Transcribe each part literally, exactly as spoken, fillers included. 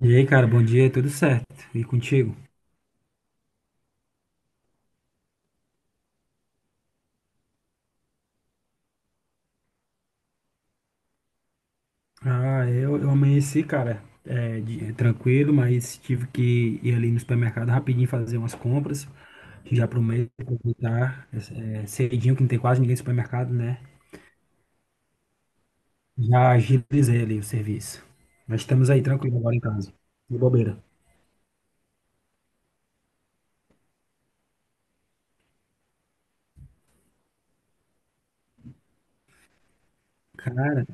E aí, cara, bom dia, tudo certo? E contigo? Ah, eu, eu amanheci, cara, é, de- é, tranquilo, mas tive que ir ali no supermercado rapidinho fazer umas compras, já pro mês aproveitar, é, é, cedinho, que não tem quase ninguém no supermercado, né? Já agilizei ali o serviço. Mas estamos aí tranquilo agora em casa, de bobeira. Cara,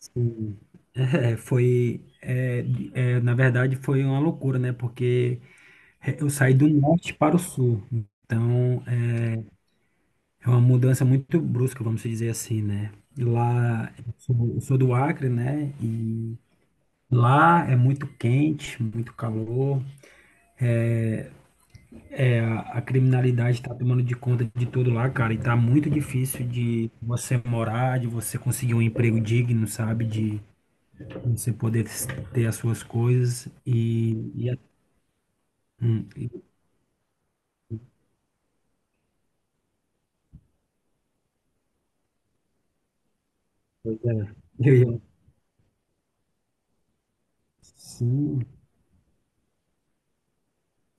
assim, é, foi, é, é, na verdade foi uma loucura, né? Porque eu saí do norte para o sul, então é uma mudança muito brusca, vamos dizer assim, né? Lá, eu sou, eu sou do Acre, né? E lá é muito quente, muito calor. A, a criminalidade está tomando de conta de tudo lá, cara. E tá muito difícil de você morar, de você conseguir um emprego digno, sabe? De você poder ter as suas coisas. E, e, a- hum, e- Pois é. Eu ia- Sim,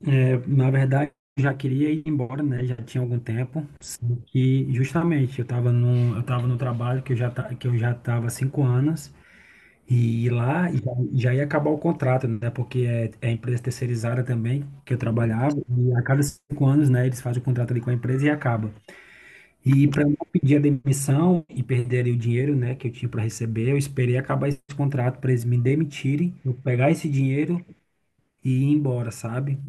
é, na verdade, eu já queria ir embora, né? Já tinha algum tempo. E justamente, eu estava no, eu tava no trabalho que eu já tá, que eu já estava há cinco anos. E lá já, já ia acabar o contrato, né? Porque é, é empresa terceirizada também, que eu trabalhava. E a cada cinco anos, né, eles fazem o contrato ali com a empresa e acaba. E para não pedir a demissão e perder ali o dinheiro, né, que eu tinha para receber, eu esperei acabar esse contrato para eles me demitirem, eu pegar esse dinheiro e ir embora, sabe?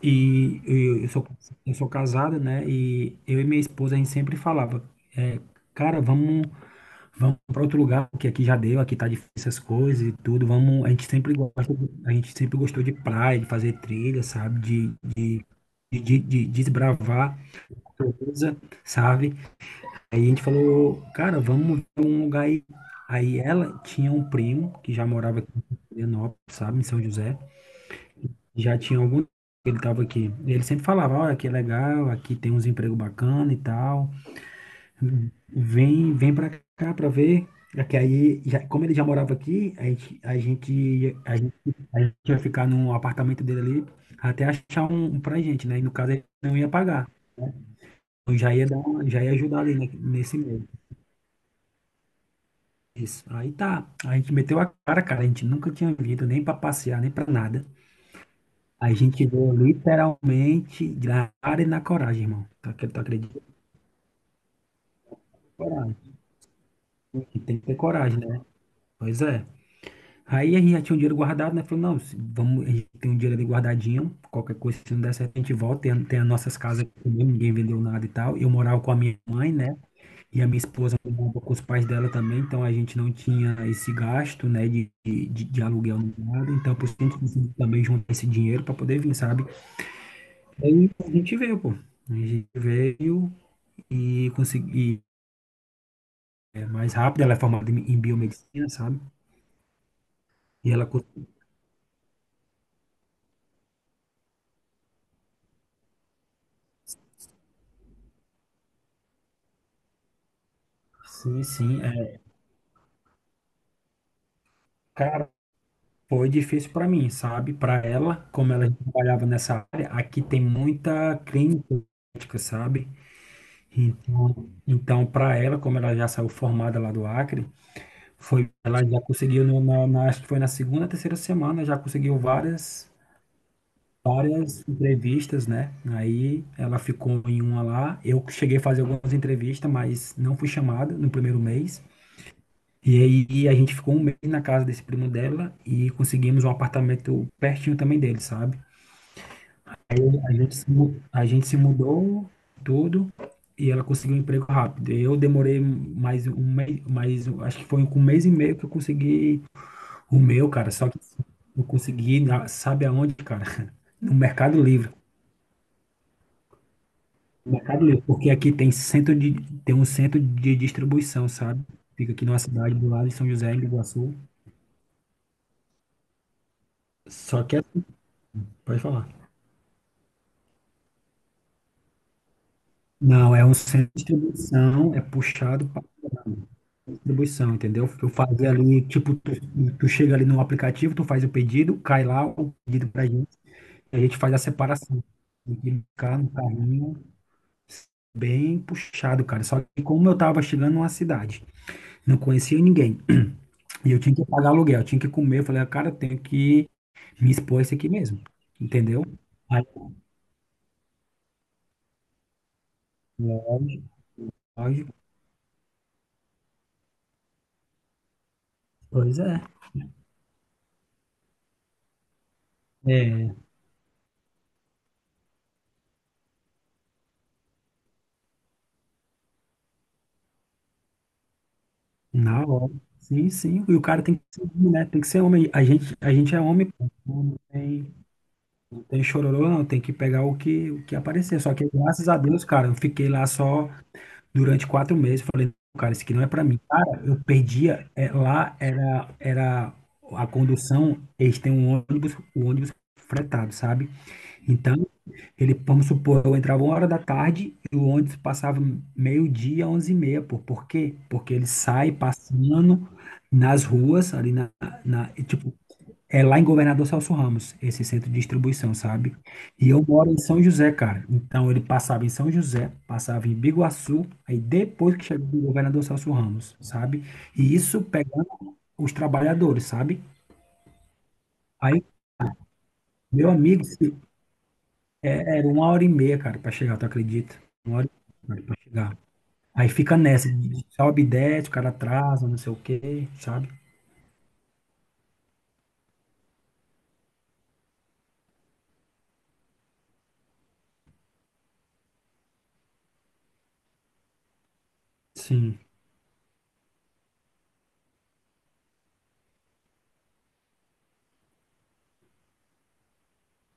E eu, eu sou, eu sou casado, né? E eu e minha esposa, a gente sempre falava, é, cara, vamos, vamos para outro lugar, porque aqui já deu, aqui tá difícil essas coisas e tudo. Vamos, a gente sempre gosta, a gente sempre gostou de praia, de fazer trilha, sabe? De, de, de, de desbravar coisa, sabe? Aí a gente falou, cara, vamos pra um lugar aí. Aí ela tinha um primo que já morava aqui em Florianópolis, sabe, em São José. Já tinha algum tempo que ele estava aqui. E ele sempre falava, olha, aqui é legal, aqui tem uns empregos bacana e tal. Vem, vem para cá para ver. É que aí, já- como ele já morava aqui, a gente, a gente, ia- a gente, a gente ia ficar no apartamento dele ali até achar um, um pra gente, né? E no caso ele não ia pagar. Eu já ia dar, já ia ajudar ali né, nesse meio. Isso. Aí tá. A gente meteu a cara, cara. A gente nunca tinha vindo nem para passear, nem para nada. A gente voa literalmente na cara e na coragem, irmão. Tu acre- tu acredita? Coragem. Tem que ter coragem, né? Pois é. Aí a gente já tinha um dinheiro guardado, né? Falou, não, se- vamos, a gente tem um dinheiro ali guardadinho. Qualquer coisa, se não der certo, a gente volta. Tem, tem as nossas casas aqui mesmo, ninguém vendeu nada e tal. Eu morava com a minha mãe, né? E a minha esposa morava com os pais dela também. Então a gente não tinha esse gasto, né? De, de, de de aluguel, nem nada. Então por isso que a gente conseguiu também juntar esse dinheiro para poder vir, sabe? Aí a gente veio, pô. A gente veio, e consegui é, mais rápido. Ela é formada em em biomedicina, sabe? E ela conseguiu, sim, sim. É, cara, foi difícil para mim, sabe? Para ela, como ela trabalhava nessa área, aqui tem muita clínica, médica, sabe? Então, então para ela, como ela já saiu formada lá do Acre, foi, ela já conseguiu, no, na, na- acho que foi na segunda, terceira semana, já conseguiu várias. várias entrevistas, né? Aí ela ficou em uma lá. Eu cheguei a fazer algumas entrevistas, mas não fui chamada no primeiro mês. E aí a gente ficou um mês na casa desse primo dela e conseguimos um apartamento pertinho também dele, sabe? A gente se, mu- a gente se mudou tudo e ela conseguiu um emprego rápido. Eu demorei mais um mês, mais, um- acho que foi com um mês e meio que eu consegui o meu, cara. Só que eu consegui, na- sabe aonde, cara? No Mercado Livre. Mercado Livre, porque aqui tem centro de, tem um centro de distribuição, sabe? Fica aqui numa cidade do lado de São José, em Iguaçu. Só que é, Pode falar. Não, é um centro de distribuição, é puxado para distribuição, entendeu? Eu fazia ali, tipo, tu, tu chega ali no aplicativo, tu faz o pedido, cai lá o pedido pra gente, e a gente faz a separação. Tem que ficar no carrinho, bem puxado, cara. Só que como eu tava chegando numa cidade, não conhecia ninguém. E eu tinha que pagar aluguel, tinha que comer. Eu falei, "Ah, cara, eu tenho que me expor a isso aqui mesmo. Entendeu? Aí, lógico, lógico. Pois é. É, na hora. Sim, sim. E o cara tem que ser homem, né? Tem que ser homem. A gente, a gente é homem, pô. Não tem, não tem chororô, não. Tem que pegar o que, o que aparecer. Só que, graças a Deus, cara, eu fiquei lá só durante quatro meses. Falei, "Não, cara, isso aqui não é pra mim. Cara, eu perdia. É, lá era, era a condução. Eles têm um ônibus, o ônibus fretado, sabe? Então, ele, vamos supor, eu entrava uma hora da tarde e o ônibus passava meio-dia, onze e meia, pô. Por quê? Porque ele sai passando nas ruas, ali na, na- e, tipo, é lá em Governador Celso Ramos, esse centro de distribuição, sabe? E eu moro em São José, cara. Então, ele passava em São José, passava em Biguaçu, aí depois que chegou o Governador Celso Ramos, sabe? E isso pegando os trabalhadores, sabe? Aí, meu amigo, é, era uma hora e meia, cara, pra chegar, tu acredita? Uma hora e meia, cara, pra chegar. Aí fica nessa, de- de sobe e desce, o cara atrasa, não sei o quê, sabe? Sim,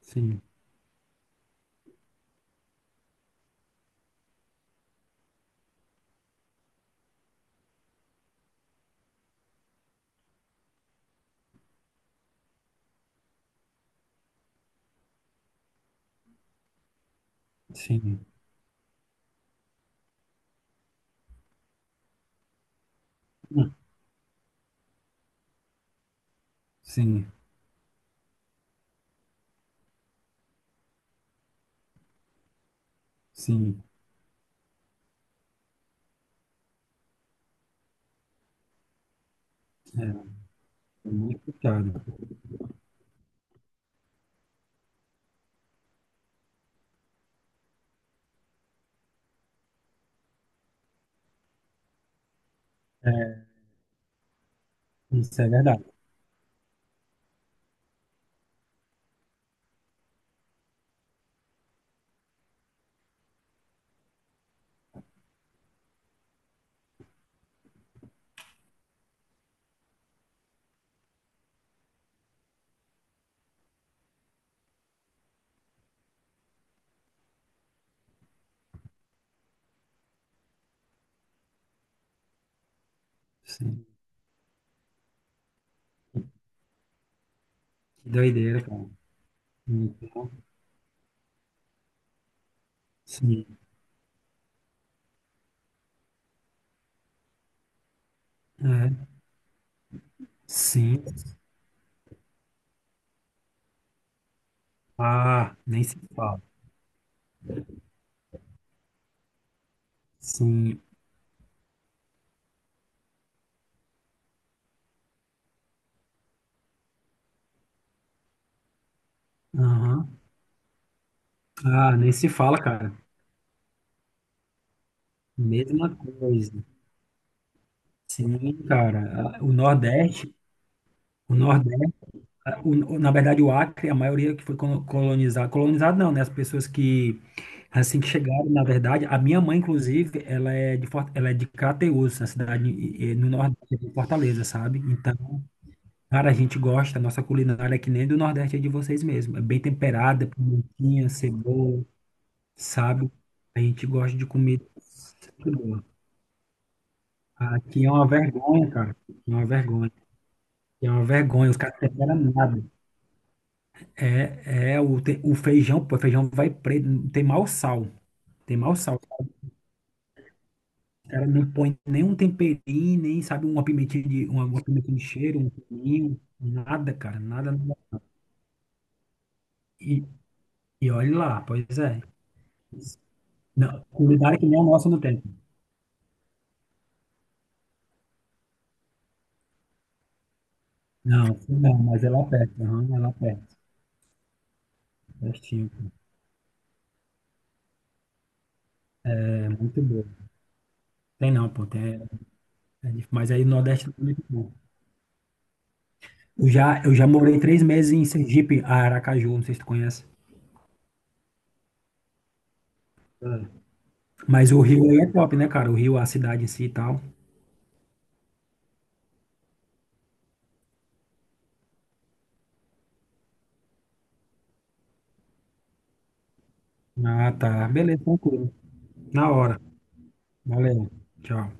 sim, sim, hum, sim, sim. É, é muito complicado. Isso é verdade. Sim. Que doideira, cara. Então, sim, é, sim. Ah, nem se fala. Sim, aham. Ah, nem se fala, cara. Mesma coisa. Sim, cara. Ah, o Nordeste. O Nordeste, ah, o- o- na verdade, o Acre, a maioria que foi colo- colonizado, colonizado não, né? As pessoas que, assim que chegaram, na verdade, a minha mãe, inclusive, ela é de, Fort- ela é de Crateús, na cidade eh, no Nordeste de Fortaleza, sabe? Então, cara, a gente gosta, a nossa culinária é que nem do Nordeste é de vocês mesmo. É bem temperada, pimentinha, cebola, sabe? A gente gosta de comida crua. Aqui é uma vergonha, cara. É uma vergonha. É uma vergonha, os caras temperam nada. É, é o, te- o feijão, pô, o feijão vai preto, não tem mau sal, tem mau sal. O cara não põe nenhum temperinho, nem sabe uma pimentinha de uma, uma pimentinha de cheiro, um cominho, nada, cara, nada. Nada. E, e olha lá, pois é. Não, culinária que nem o nosso não tem. Não, assim não, mas é lá perto, aham, é lá perto, pertinho, é muito bom. Tem não, pô, tem, é dif- mas aí no Nordeste é muito bom. Eu já, eu já morei três meses em Sergipe, Aracaju, não sei se tu conhece. Mas o Rio aí é top, né, cara? O Rio, a cidade em si e tal. Ah, tá. Beleza, tranquilo. Na hora. Valeu. Tchau.